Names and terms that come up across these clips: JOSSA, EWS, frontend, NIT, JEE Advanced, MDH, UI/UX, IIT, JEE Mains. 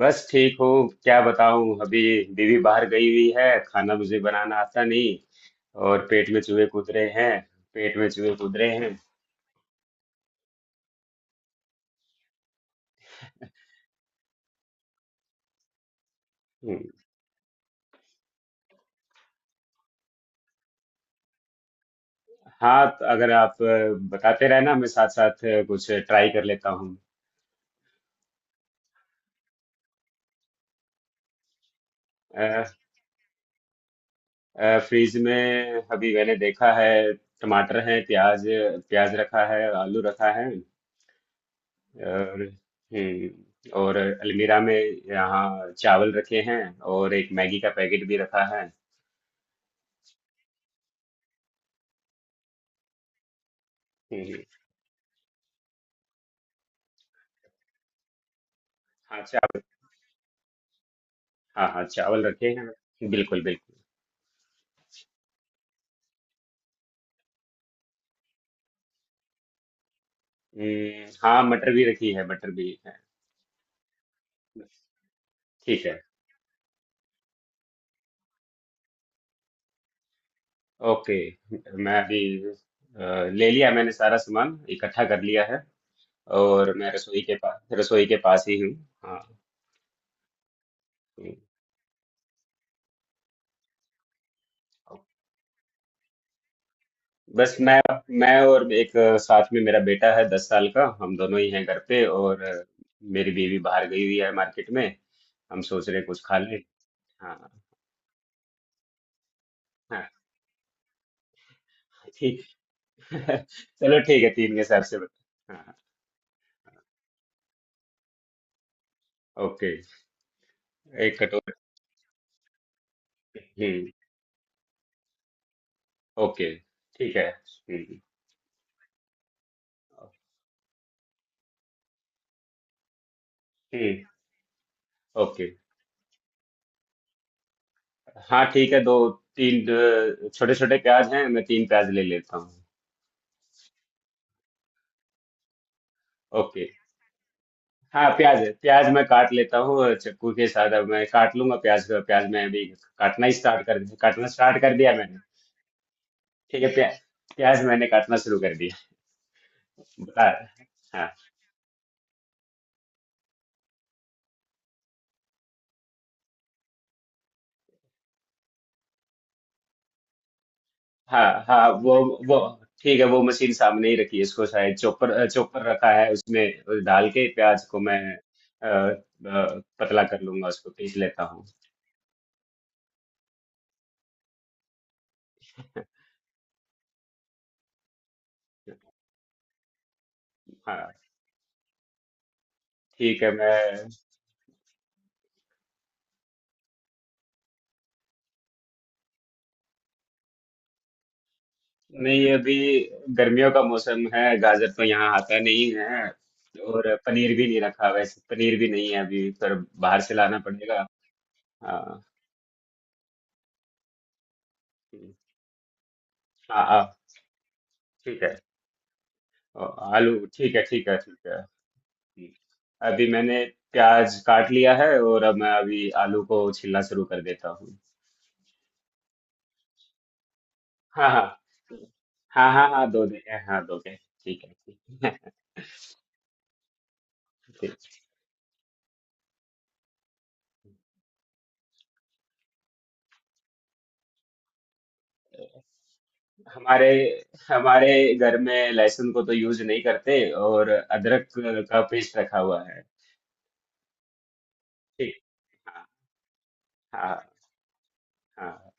बस ठीक हूँ। क्या बताऊँ अभी। बीवी बाहर गई हुई है। खाना मुझे बनाना आता नहीं। और पेट में चूहे कूद रहे हैं। पेट में चूहे कूद रहे हैं। हम्म। हाँ तो अगर आप बताते रहे ना, मैं साथ साथ कुछ ट्राई कर लेता हूँ। अ, फ्रिज में, अभी मैंने देखा है। टमाटर है। प्याज प्याज रखा है। आलू रखा है। और हम्म और अलमीरा में, यहाँ चावल रखे हैं। और एक मैगी का पैकेट भी रखा है। हम्म। हाँ, हाँ, हाँ, चावल रखे हैं ना। बिल्कुल बिल्कुल। हाँ, मटर भी रखी है। मटर भी है। ठीक है। ओके, मैं अभी अ, ले लिया। मैंने सारा सामान इकट्ठा कर लिया है। और मैं रसोई के पास, रसोई के पास ही हूँ। हाँ। हम्म, बस मैं और एक साथ में मेरा बेटा है 10 साल का। हम दोनों ही हैं घर पे, और मेरी बीवी बाहर गई हुई है मार्केट में। हम सोच रहे हैं कुछ खा लें। हाँ, हाँ ठीक। चलो ठीक है, तीन के हिसाब से बता। हाँ। ओके। एक कटोरी। हम्म। ओके ठीक है। हम्म, हम्म, ओके। हाँ ठीक है। दो, तीन, छोटे छोटे प्याज हैं, मैं तीन प्याज ले लेता हूँ। ओके। हाँ, प्याज है। प्याज मैं काट लेता हूँ चाकू के साथ। अब मैं काट लूंगा प्याज को। प्याज मैं अभी काटना स्टार्ट कर दिया मैंने। ठीक है। प्याज प्याज मैंने काटना शुरू कर दिया। बता। हाँ, हाँ, हाँ, वो, वो ठीक है, वो मशीन सामने ही रखी है। इसको शायद चॉपर, चॉपर रखा है। उसमें डाल के प्याज को मैं पतला कर लूंगा, उसको पीस लेता हूँ। हाँ, ठीक है मैं। नहीं, अभी गर्मियों का मौसम है, गाजर तो यहाँ आता नहीं है। और पनीर भी नहीं रखा वैसे। पनीर भी नहीं है अभी, पर बाहर से लाना पड़ेगा। हाँ। हम्म, हाँ, हाँ, ठीक है। और आलू ठीक है, ठीक है, ठीक है। अभी मैंने प्याज काट लिया है, और अब मैं अभी आलू को छिलना शुरू कर देता हूँ। हाँ, हाँ, हाँ, हाँ, हाँ, दो दे। हाँ, दो के ठीक है, ठीक है। ठीक। हमारे हमारे घर में लहसुन को तो यूज नहीं करते। और अदरक का पेस्ट रखा हुआ है। ठीक। हाँ, हाँ, हाँ,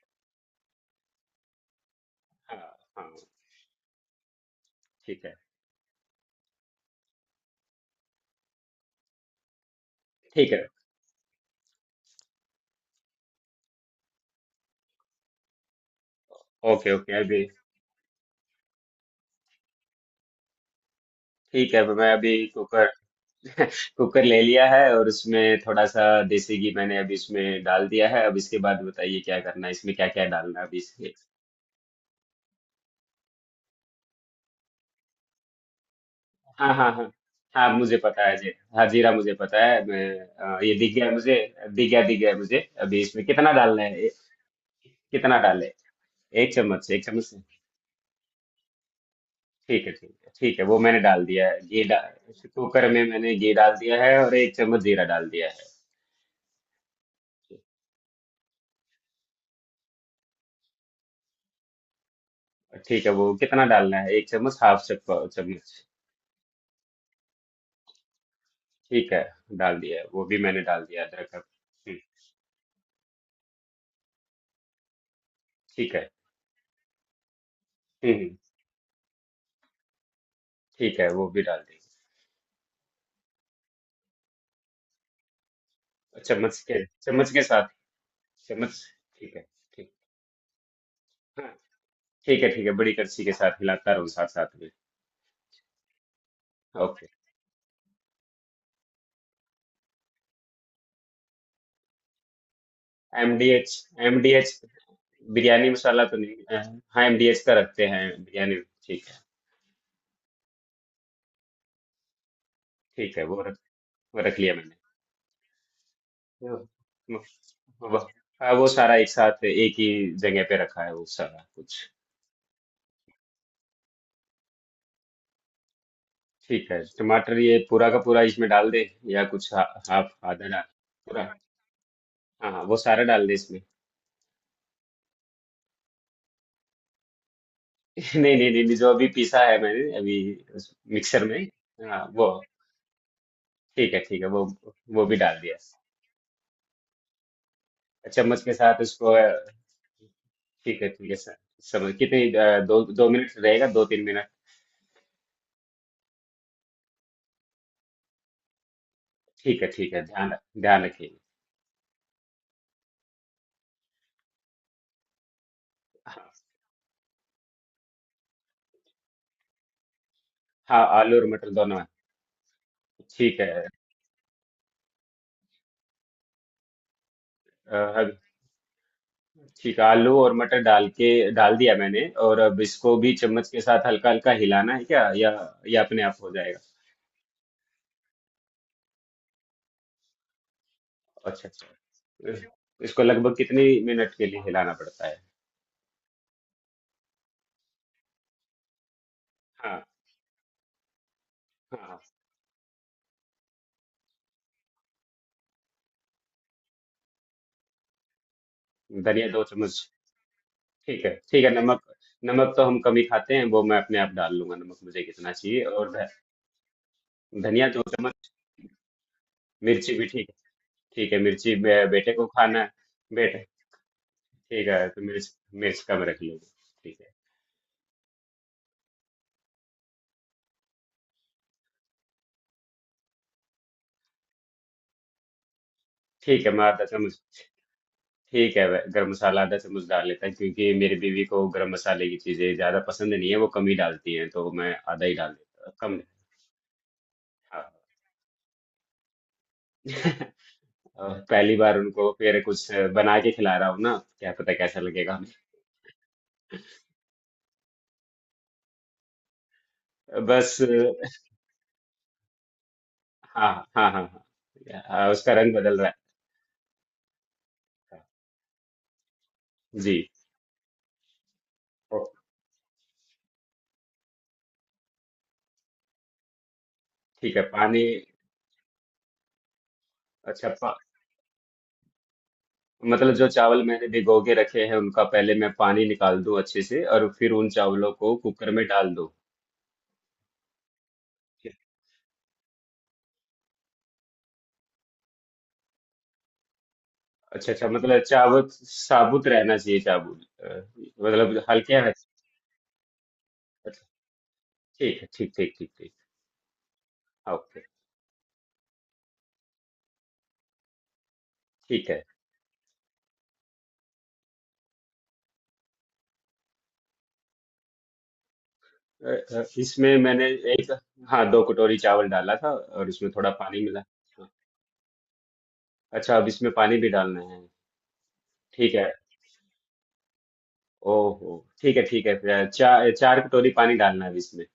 हाँ, हाँ, ठीक है, ठीक है। ओके, ओके अभी। ठीक है, मैं अभी कुकर। कुकर ले लिया है, और उसमें थोड़ा सा देसी घी मैंने अभी इसमें डाल दिया है। अब इसके बाद बताइए क्या करना है, इसमें क्या क्या डालना है अभी इसके। हाँ, हाँ, हाँ, हाँ मुझे पता है जी। हाँ, जीरा मुझे पता है मैं। ये दिख गया मुझे। दिख गया, दिख गया मुझे। अभी इसमें कितना डालना है? कितना डालें, एक चम्मच से? एक चम्मच से। ठीक है, ठीक है, ठीक है, वो मैंने डाल दिया है। घी डाल, कुकर में मैंने घी डाल दिया है और एक चम्मच जीरा डाल दिया है। ठीक है, वो कितना डालना है? एक चम्मच, हाफ चम्मच। ठीक है, डाल दिया है, वो भी मैंने डाल दिया अदरक का। हम्म। ठीक है। हम्म, ठीक है, वो भी डाल दिया। चम्मच के साथ, चम्मच। ठीक है, ठीक, हाँ, ठीक है, ठीक है, बड़ी करछी के साथ हिलाता रहूँ, साथ साथ में। ओके। एमडीएच एमडीएच बिरयानी मसाला तो नहीं। हाँ, एमडीएच का रखते हैं बिरयानी। ठीक है, ठीक है वो रख लिया मैंने। वो, वो, हाँ, वो सारा एक साथ एक ही जगह पे रखा है, वो सारा कुछ। ठीक है, टमाटर ये पूरा का पूरा इसमें डाल दे, या कुछ हाफ आधा डाल? पूरा। हाँ, हाँ, वो सारा डाल दे इसमें। नहीं, नहीं, नहीं, नहीं, जो अभी पीसा है मैंने अभी, उस मिक्सर में। हाँ, वो ठीक है, ठीक है। वो भी डाल दिया। अच्छा, चम्मच के साथ उसको ठीक है, ठीक है सर। समझ, कितने दो दो मिनट रहेगा, दो तीन मिनट? ठीक है, ठीक है ध्यान। रखिए। हाँ, हाँ, आलू और मटर दोनों है। ठीक है। अ, ठीक है, आलू और मटर डाल के डाल दिया मैंने, और अब इसको भी चम्मच के साथ हल्का हल्का हिलाना है क्या, या अपने आप हो जाएगा? अच्छा, अच्छा। इस- इसको लगभग कितनी मिनट के लिए हिलाना पड़ता है? हाँ, हाँ, हाँ, धनिया दो चम्मच। ठीक है, ठीक है। नमक। नमक तो हम कम ही खाते हैं, वो मैं अपने आप डाल लूंगा। नमक मुझे कितना चाहिए, और धनिया दो चम्मच, मिर्ची भी ठीक है, ठीक है। मिर्ची, बेटे को खाना है। बेटे। ठीक है तो मिर्च, मिर्च कम रख लीजिए। ठीक है, ठीक है, मैं आधा चम्मच। ठीक है, गरम मसाला आधा चम्मच डाल लेता है, क्योंकि मेरी बीवी को गरम मसाले की चीजें ज्यादा पसंद नहीं है, वो कम ही डालती हैं, तो मैं आधा ही डाल देता हूँ, कम। हाँ। और पहली बार उनको फिर कुछ बना के खिला रहा हूँ ना, क्या पता कैसा लगेगा। बस। हाँ, हाँ, हाँ, हाँ, हाँ, उसका रंग बदल रहा है। हाँ, जी। ओ, ठीक है पानी। अच्छा, मतलब जो चावल मैंने भिगो के रखे हैं, उनका पहले मैं पानी निकाल दूं अच्छे से, और फिर उन चावलों को कुकर में डाल दूं। अच्छा, अच्छा, मतलब चाबुत साबुत रहना चाहिए, मतलब हल्के हाथ। अच्छा, ठीक है, ठीक, ठीक, ठीक, ठीक। ओके। ठीक है। इसमें मैंने एक, हाँ, दो कटोरी चावल डाला था, और उसमें थोड़ा पानी मिला। हाँ, अच्छा, अब इसमें पानी भी डालना है? ठीक है। ओहो। ठीक है, ठीक है, फिर चार चार कटोरी पानी डालना है अब इसमें,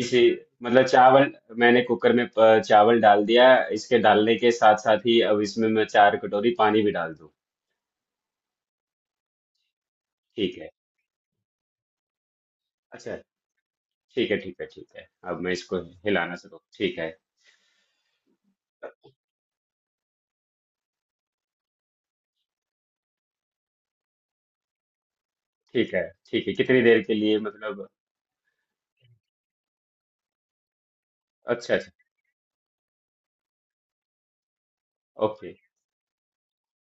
इसी। मतलब चावल मैंने कुकर में चावल डाल दिया। इसके डालने के साथ साथ ही अब इसमें मैं चार कटोरी पानी भी डाल दूं। ठीक है। अच्छा, ठीक है, ठीक है, ठीक है, अब मैं इसको हिलाना शुरू। ठीक है। ठीक है, ठीक है, कितनी देर के लिए मतलब? अच्छा, अच्छा। ओके।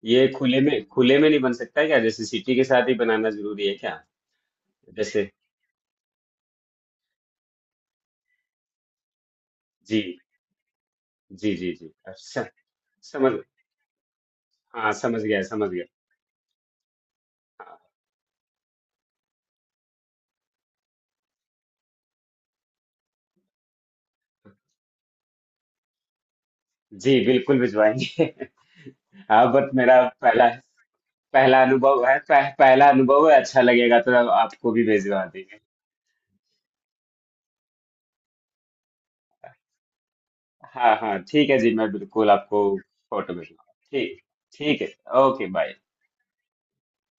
ये खुले में नहीं बन सकता क्या, जैसे सिटी के साथ ही बनाना जरूरी है क्या, जैसे? जी, जी, जी, जी, अच्छा समझ। हाँ समझ गया, समझ गया। हाँ। जी बिल्कुल भिजवाएंगे। हाँ बट मेरा पहला, पहला अनुभव है, अच्छा लगेगा तो आपको भी भिजवा देंगे। हाँ, हाँ, ठीक है जी, मैं बिल्कुल आपको फोटो भिजवा। ठीक, ठीक है। Okay, bye.